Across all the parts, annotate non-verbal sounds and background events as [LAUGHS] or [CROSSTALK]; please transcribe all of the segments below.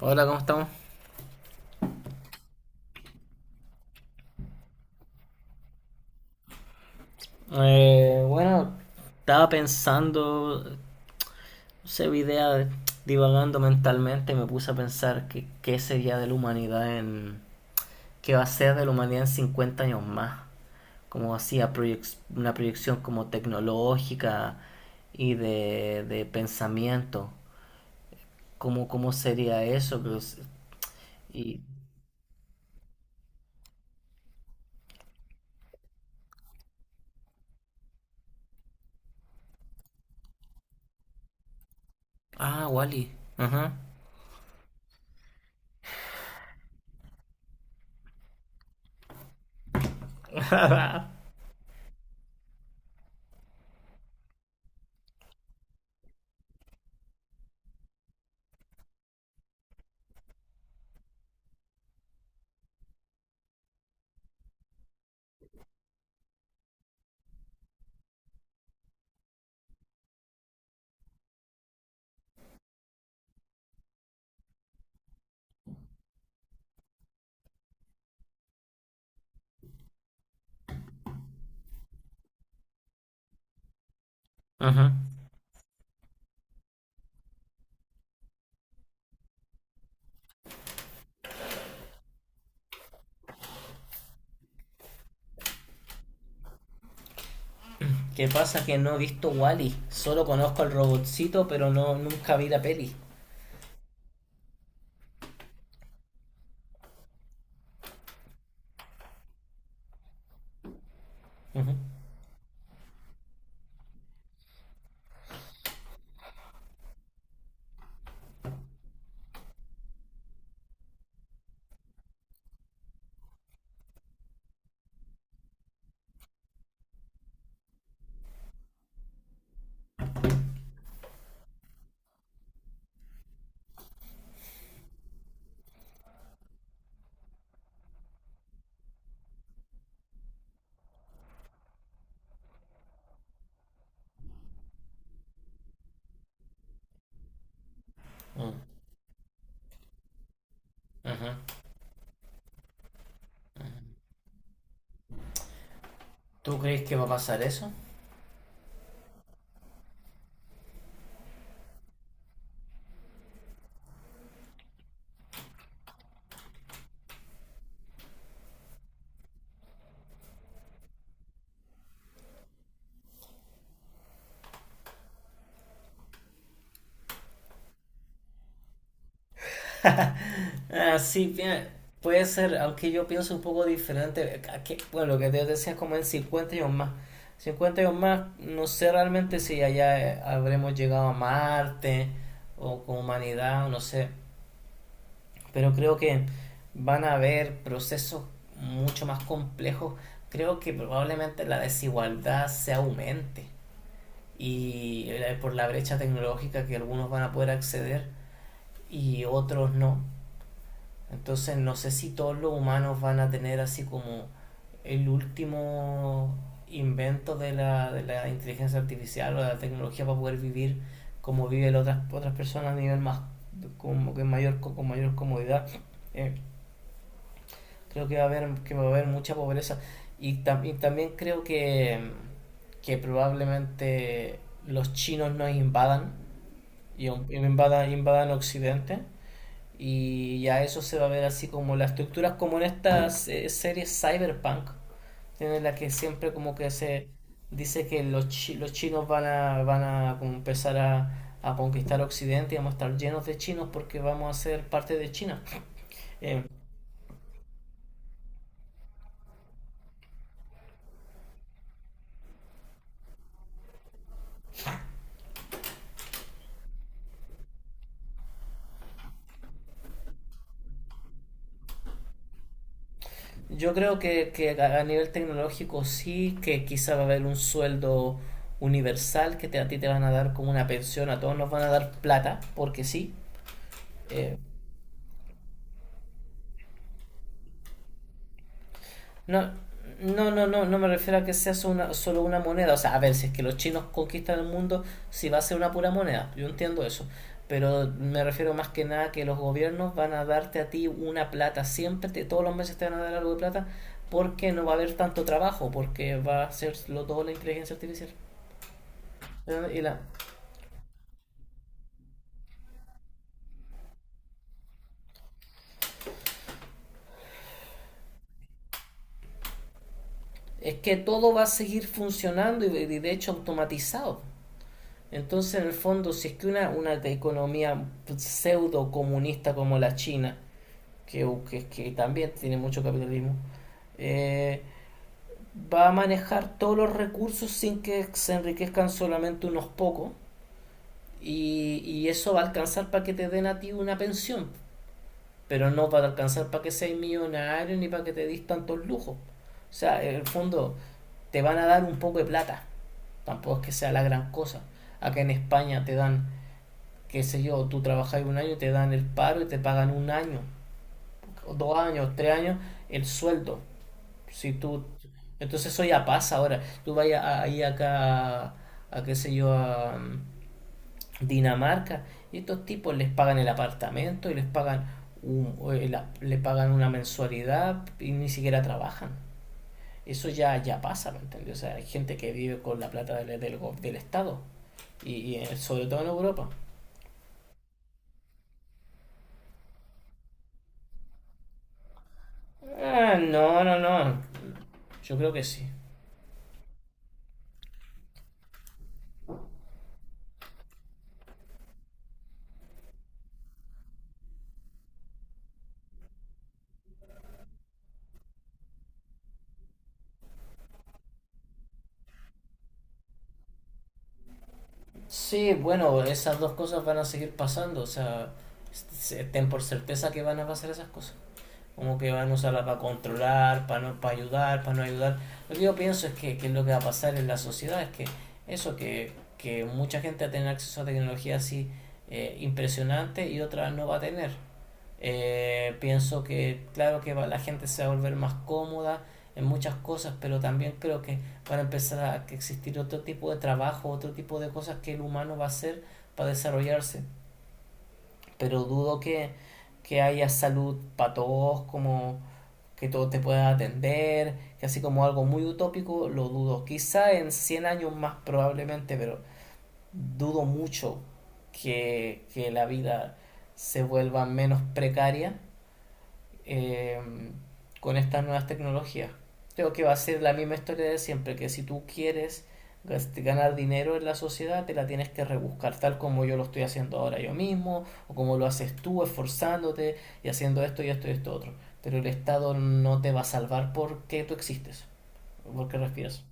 Hola, ¿cómo estamos? Bueno, estaba pensando, se idea de- divagando mentalmente, y me puse a pensar que qué sería de la humanidad qué va a ser de la humanidad en 50 años más. Como hacía una proyección como tecnológica y de pensamiento. ¿Cómo sería eso? Pues, Y... Ah, Wally. Ajá. Ajá. ¿Qué pasa? Que no he visto Wally. Solo conozco al robotcito, pero no nunca vi la peli. Ujú. Mm, ujú. ¿Tú crees que va a pasar eso? Ah, sí, bien, puede ser, aunque yo pienso un poco diferente. Bueno, lo que te decía es como en 50 años más. 50 años más, no sé realmente si allá habremos llegado a Marte o con humanidad, no sé. Pero creo que van a haber procesos mucho más complejos. Creo que probablemente la desigualdad se aumente y por la brecha tecnológica que algunos van a poder acceder y otros no. Entonces no sé si todos los humanos van a tener así como el último invento de la inteligencia artificial o de la tecnología para poder vivir como viven otras personas a nivel más como que mayor con mayor comodidad. Eh, Creo que va a haber mucha pobreza. Y también creo que probablemente los chinos nos invadan y invadan Occidente. Y ya eso se va a ver así como las estructuras, como en estas series Cyberpunk, en la que siempre como que se dice que los chinos van a como empezar a conquistar Occidente y vamos a estar llenos de chinos porque vamos a ser parte de China. [LAUGHS] Yo creo que a nivel tecnológico sí, que quizá va a haber un sueldo universal a ti te van a dar como una pensión, a todos nos van a dar plata, porque sí. Eh, no, no, no, no, no me refiero a que sea solo una moneda. O sea, a ver, si es que los chinos conquistan el mundo, si va a ser una pura moneda, yo entiendo eso. Pero me refiero más que nada que los gobiernos van a darte a ti una plata, siempre, todos los meses te van a dar algo de plata, porque no va a haber tanto trabajo, porque va a hacerlo todo la inteligencia artificial. Es que todo va a seguir funcionando y de hecho automatizado. Entonces, en el fondo, si es que una economía pseudo comunista como la China, que también tiene mucho capitalismo, eh, va a manejar todos los recursos sin que se enriquezcan solamente unos pocos, y eso va a alcanzar para que te den a ti una pensión. Pero no para alcanzar para que seas millonario ni para que te dis tantos lujos. O sea, en el fondo te van a dar un poco de plata, tampoco es que sea la gran cosa. Acá en España te dan, qué sé yo, tú trabajas 1 año, te dan el paro y te pagan 1 año, 2 años, 3 años, el sueldo. Si tú, Entonces eso ya pasa ahora. Tú vayas ahí acá, a qué sé yo, a, Dinamarca, y estos tipos les pagan el apartamento y les pagan, le pagan una mensualidad y ni siquiera trabajan. Eso ya pasa, ¿me entiendes? O sea, hay gente que vive con la plata del Estado, y sobre todo en Europa. Ah, no, no, no. Yo creo que sí. Sí, bueno, esas 2 cosas van a seguir pasando, o sea, ten por certeza que van a pasar esas cosas. Como que van a usarla para controlar, para no, para ayudar, para no ayudar. Lo que yo pienso es que es lo que va a pasar en la sociedad es que eso, que mucha gente va a tener acceso a tecnología así impresionante y otra no va a tener. Pienso que, claro que la gente se va a volver más cómoda en muchas cosas, pero también creo que van a empezar a existir otro tipo de trabajo, otro tipo de cosas que el humano va a hacer para desarrollarse. Pero dudo que haya salud para todos como que todo te pueda atender, que así como algo muy utópico, lo dudo. Quizá en 100 años más probablemente, pero dudo mucho que la vida se vuelva menos precaria eh, con estas nuevas tecnologías. Creo que va a ser la misma historia de siempre, que si tú quieres ganar dinero en la sociedad, te la tienes que rebuscar, tal como yo lo estoy haciendo ahora yo mismo, o como lo haces tú, esforzándote y haciendo esto y esto y esto otro. Pero el Estado no te va a salvar porque tú existes, porque respiras.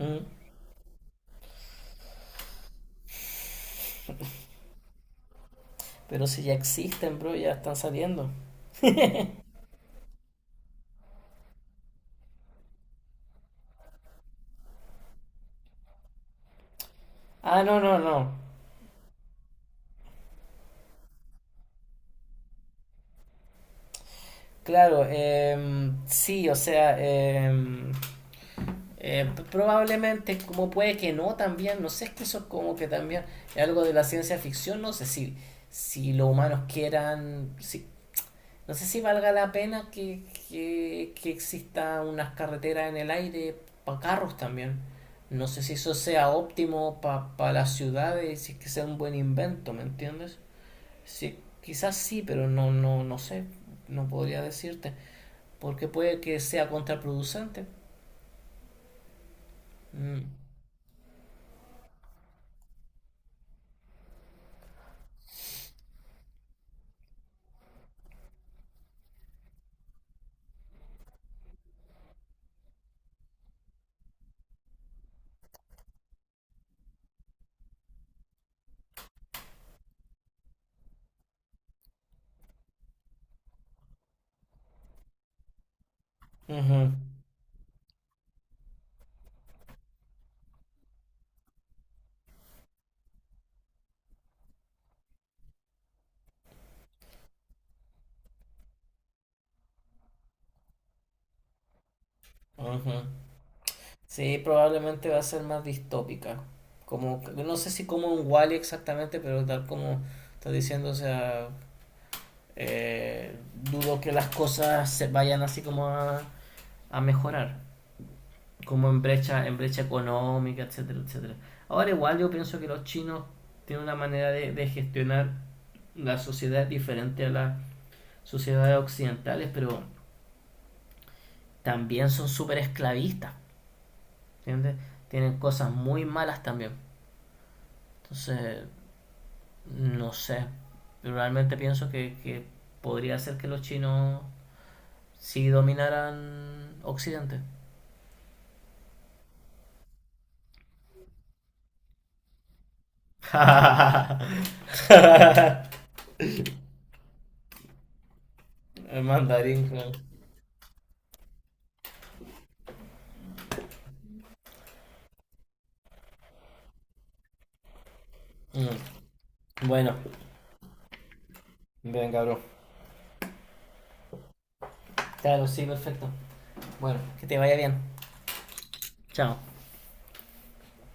Mm. Pero si ya existen, bro, ya están saliendo. Ah, no, no, no. Claro, sí, o sea, probablemente, como puede que no, también, no sé, es que eso es como que también es algo de la ciencia ficción, no sé si los humanos quieran, no sé si valga la pena que exista unas carreteras en el aire para carros también. No sé si eso sea óptimo para las ciudades, si es que sea un buen invento, ¿me entiendes? Sí, quizás sí, pero no, no, no sé, no podría decirte, porque puede que sea contraproducente. Mm. Ujú. Ajá. Sí, probablemente va a ser más distópica. Como, no sé si como un Wall-E exactamente, pero tal como estás diciendo, o sea, eh, dudo que las cosas se vayan así como a mejorar, como en brecha económica, etcétera, etcétera. Ahora igual yo pienso que los chinos tienen una manera de gestionar la sociedad diferente a las sociedades occidentales, pero también son súper esclavistas, ¿entiendes? Tienen cosas muy malas también. Entonces, no sé. Realmente pienso que podría ser que los chinos sí dominaran Occidente. [LAUGHS] El mandarín, claro. Mm. Bueno, bien, cabrón. Claro, sí, perfecto. Bueno, que te vaya bien. Chao.